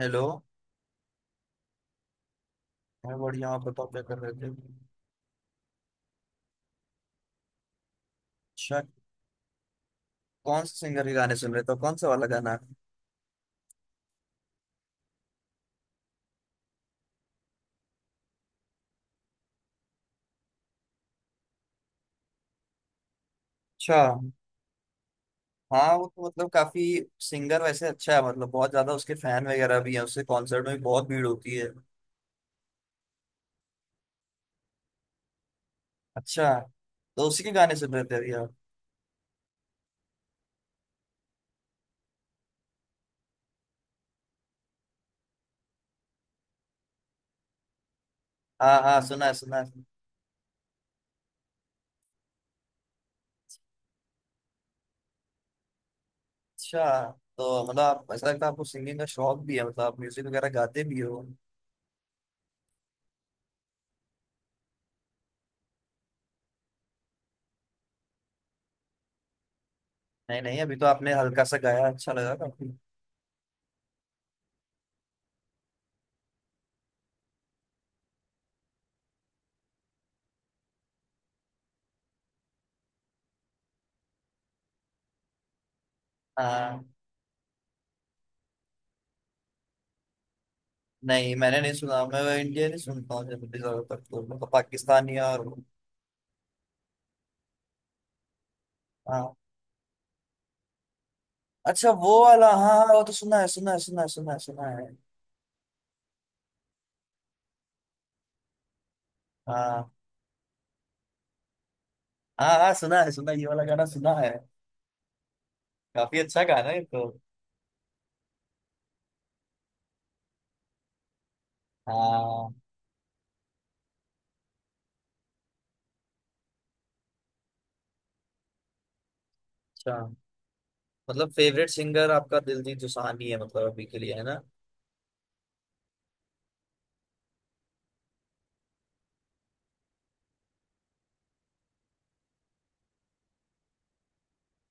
Hello. मैं बढ़िया, आप बताओ क्या कर रहे थे। अच्छा। कौन से सिंगर के गाने सुन रहे थे, तो कौन सा वाला गाना? अच्छा। हाँ वो तो मतलब काफी सिंगर वैसे अच्छा है, मतलब बहुत ज्यादा उसके फैन वगैरह भी हैं, उसके कॉन्सर्ट में भी बहुत भीड़ होती है। अच्छा, तो उसी के गाने सुन रहे थे अभी आप? हाँ हाँ सुना है सुना है। अच्छा, तो मतलब आप ऐसा लगता है आपको सिंगिंग का शौक भी है, मतलब आप म्यूजिक वगैरह गाते भी हो? नहीं नहीं, अभी तो आपने हल्का सा गाया, अच्छा लगा काफी। हाँ। नहीं मैंने नहीं सुना, मैं इंडिया नहीं सुनता हूँ जनरली, ज्यादातर तो मैं तो पाकिस्तानी और हाँ। अच्छा वो वाला, हाँ हाँ वो तो सुना है सुना है सुना है सुना है सुना है। हाँ हाँ हाँ सुना है, ये वाला गाना सुना है। काफी अच्छा गाना है ये तो। हाँ। अच्छा, मतलब फेवरेट सिंगर आपका दिलजीत दोसांझ ही है, मतलब अभी के लिए, है ना?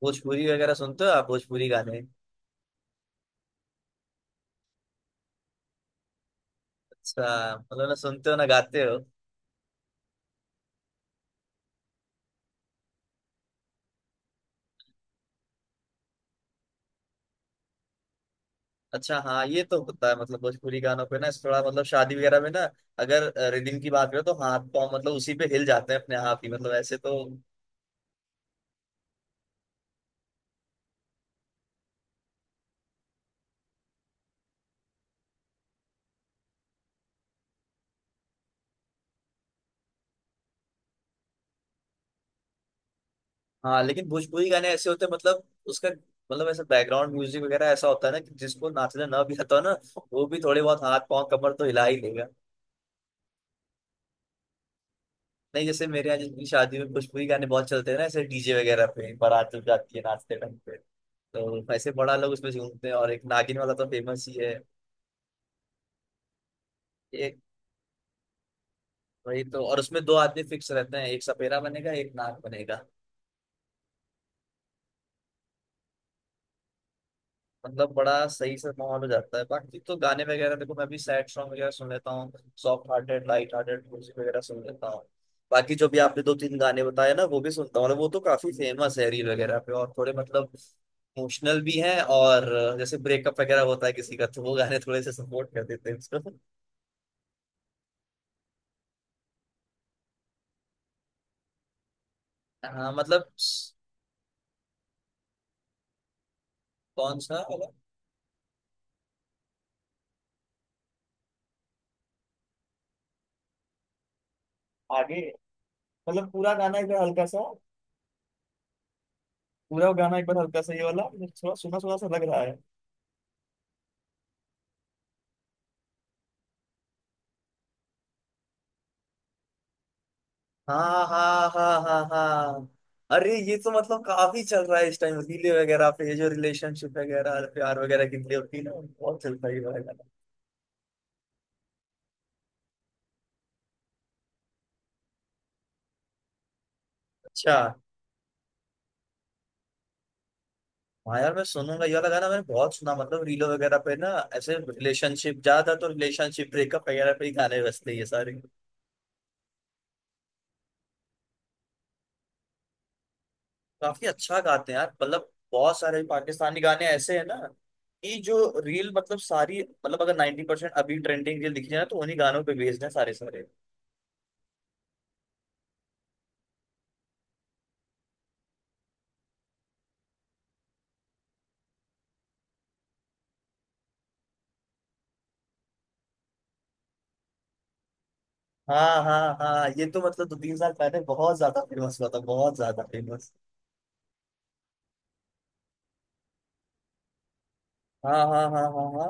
भोजपुरी वगैरह सुनते हो आप, भोजपुरी गाने? अच्छा मतलब ना सुनते हो ना गाते हो। अच्छा हाँ ये तो होता है, मतलब भोजपुरी गानों पे ना इस थोड़ा मतलब शादी वगैरह में ना, अगर रिदिम की बात करें तो हाथ पाँव मतलब उसी पे हिल जाते हैं अपने आप ही, मतलब ऐसे तो। हाँ लेकिन भोजपुरी गाने ऐसे होते हैं मतलब, उसका मतलब ऐसा बैकग्राउंड म्यूजिक वगैरह ऐसा होता है ना कि जिसको नाचना ना भी आता हो ना, वो भी थोड़े बहुत हाथ पाँव कमर तो हिला ही लेगा। नहीं, जैसे मेरे यहाँ जिसकी शादी में भोजपुरी गाने बहुत चलते हैं ना, ऐसे डीजे वगैरह पे बारात जब जाती है नाचते टाइम पे, तो ऐसे बड़ा लोग उसमें झूमते हैं, और एक नागिन वाला तो फेमस ही है। वही तो, और उसमें दो आदमी फिक्स रहते हैं, एक सपेरा बनेगा एक नाग बनेगा। मतलब बड़ा सही से माहौल हो जाता है। बाकी तो गाने वगैरह देखो, मैं भी सैड सॉन्ग वगैरह सुन लेता हूँ, soft hearted light hearted music वगैरह सुन लेता हूँ। बाकी जो भी आपने दो तीन गाने बताए ना वो भी सुनता हूँ, और वो तो काफी फेमस है रील वगैरह पे, और थोड़े मतलब इमोशनल भी हैं, और जैसे ब्रेकअप वगैरह होता है किसी का तो वो गाने थोड़े से सपोर्ट कर देते हैं उसको। हाँ मतलब। कौन सा वाला? आगे मतलब पूरा गाना एकदम हल्का सा, पूरा गाना एक बार हल्का सा, ये वाला मुझे थोड़ा सुना सुना सा लग रहा है। हाँ हाँ हाँ हाँ हाँ। अरे ये तो मतलब काफी चल रहा है इस टाइम, रीले वगैरह पे ये जो रिलेशनशिप वगैरह प्यार वगैरह की रीले होती है ना, बहुत चलता है ये वाला गाना। अच्छा हाँ यार मैं सुनूंगा ये वाला गाना। मैंने बहुत सुना मतलब रीलो वगैरह पे ना, ऐसे रिलेशनशिप ज्यादा, तो रिलेशनशिप ब्रेकअप वगैरह पे ही गाने बजते हैं ये सारे। काफी अच्छा गाते हैं यार, मतलब बहुत सारे पाकिस्तानी गाने ऐसे हैं ना कि जो रील मतलब सारी, मतलब अगर 90% अभी ट्रेंडिंग रील दिख जाए ना तो उन्हीं गानों पे बेस्ड है सारे सारे। हाँ हाँ हाँ ये तो मतलब दो तीन साल पहले बहुत ज्यादा फेमस हुआ था, बहुत ज्यादा फेमस। हाँ हाँ हाँ हाँ हाँ।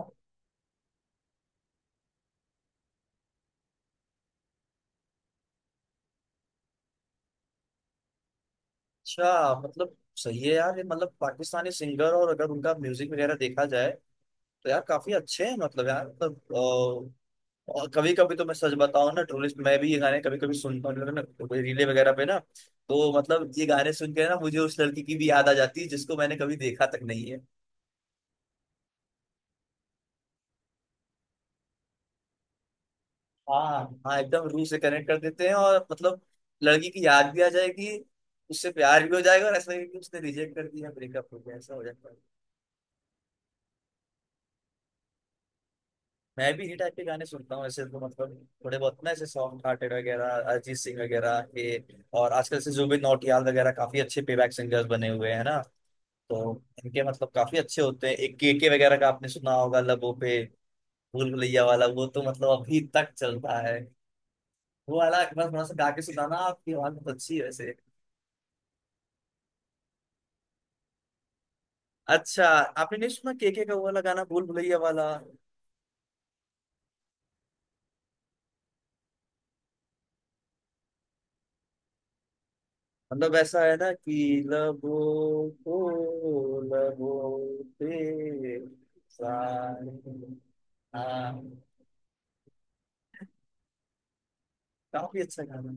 अच्छा मतलब, सही है यार ये, मतलब पाकिस्तानी सिंगर और अगर उनका म्यूजिक वगैरह देखा जाए तो यार काफी अच्छे हैं, मतलब यार मतलब। और कभी कभी तो मैं सच बताऊं ना, टूरिस्ट मैं भी ये गाने कभी कभी सुनता हूँ ना, रीले वगैरह पे ना, तो मतलब ये गाने सुन के ना मुझे उस लड़की की भी याद आ जाती है जिसको मैंने कभी देखा तक नहीं है। हाँ हाँ एकदम रूह से कनेक्ट कर देते हैं, और मतलब लड़की की याद भी आ जाएगी, उससे प्यार भी हो जाएगा, और ऐसा लगेगा कि उसने रिजेक्ट कर दिया, ब्रेकअप हो गया, ऐसा हो जाता है। मैं भी इसी टाइप के गाने सुनता हूँ ऐसे तो, मतलब थोड़े बहुत ना ऐसे सॉफ्ट हार्टेड वगैरह, अरिजीत सिंह वगैरह के, और आजकल से जुबिन नौटियाल वगैरह काफी अच्छे पेबैक सिंगर्स बने हुए हैं ना, तो इनके मतलब काफी अच्छे होते हैं। एक केके वगैरह का आपने सुना होगा, लबों पे, भूल भुलैया वाला, वो तो मतलब अभी तक चलता है। वो वाला एक बार थोड़ा सा गा के सुनाना, आपकी आवाज बहुत अच्छी है वैसे। अच्छा आपने नहीं सुना केके का वो वाला गाना, भूल भुलैया वाला? मतलब ऐसा है ना कि लबों को, लबों पे साए। हाँ। काफी अच्छा गाना।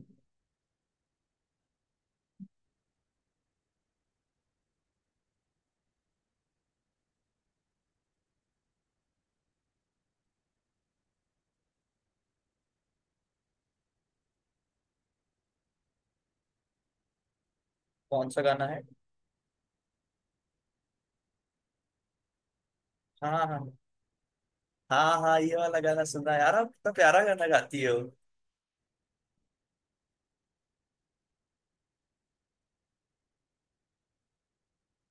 कौन सा गाना है? हाँ हाँ हाँ हाँ ये वाला गाना सुना है। यार आप कितना प्यारा गाना गाती हो।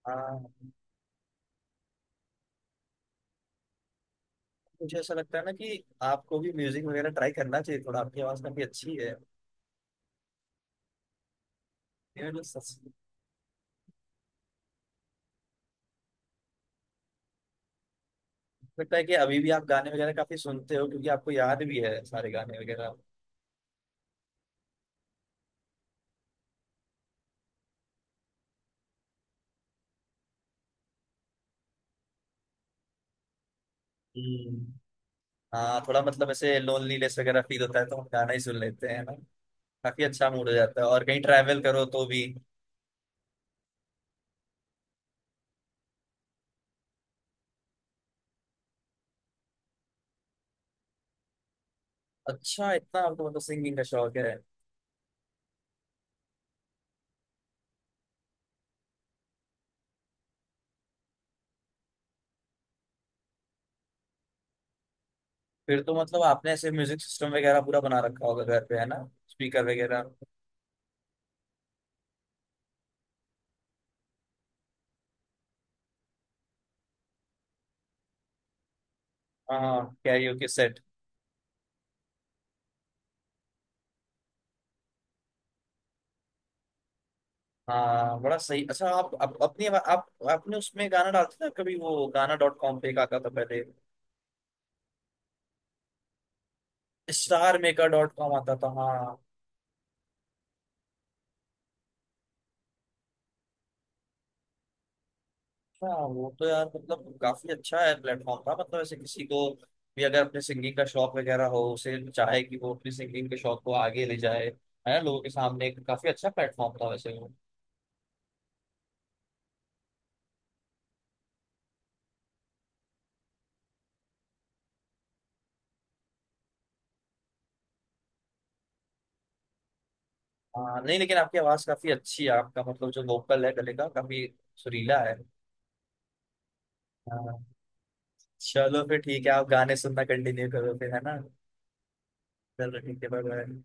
हाँ। मुझे ऐसा लगता है ना कि आपको भी म्यूजिक वगैरह ट्राई करना चाहिए थोड़ा, आपकी आवाज काफी अच्छी है। ये मतलब सच-, लगता है कि अभी भी आप गाने वगैरह काफी सुनते हो क्योंकि आपको याद भी है सारे गाने वगैरह। हम्म। हाँ, थोड़ा मतलब ऐसे लोनलीनेस वगैरह फील होता है तो हम गाना ही सुन लेते हैं ना, काफी अच्छा मूड हो जाता है, और कहीं ट्रैवल करो तो भी। अच्छा इतना आपको मतलब सिंगिंग का शौक है। फिर तो मतलब आपने ऐसे म्यूजिक सिस्टम वगैरह पूरा बना रखा होगा घर पे, है ना? स्पीकर वगैरह। हाँ कैरियोके सेट। हाँ बड़ा सही। अच्छा आप अपनी आप आपने उसमें गाना डालते थे कभी, वो गाना डॉट कॉम पे एक आता था पहले, स्टार मेकर डॉट कॉम आता था? हाँ। अच्छा वो तो यार मतलब काफी अच्छा है प्लेटफॉर्म था, मतलब ऐसे किसी को भी अगर अपने सिंगिंग का शौक वगैरह हो उसे चाहे कि वो अपने सिंगिंग के शौक को आगे ले जाए, है ना, लोगों के सामने, एक काफी अच्छा प्लेटफॉर्म था वैसे वो। हाँ नहीं लेकिन आपकी आवाज काफी अच्छी है आपका, मतलब जो वोकल है गले का काफी सुरीला है। हाँ। चलो फिर ठीक है, आप गाने सुनना कंटिन्यू करो फिर, है ना? दर ठीक के बारे में।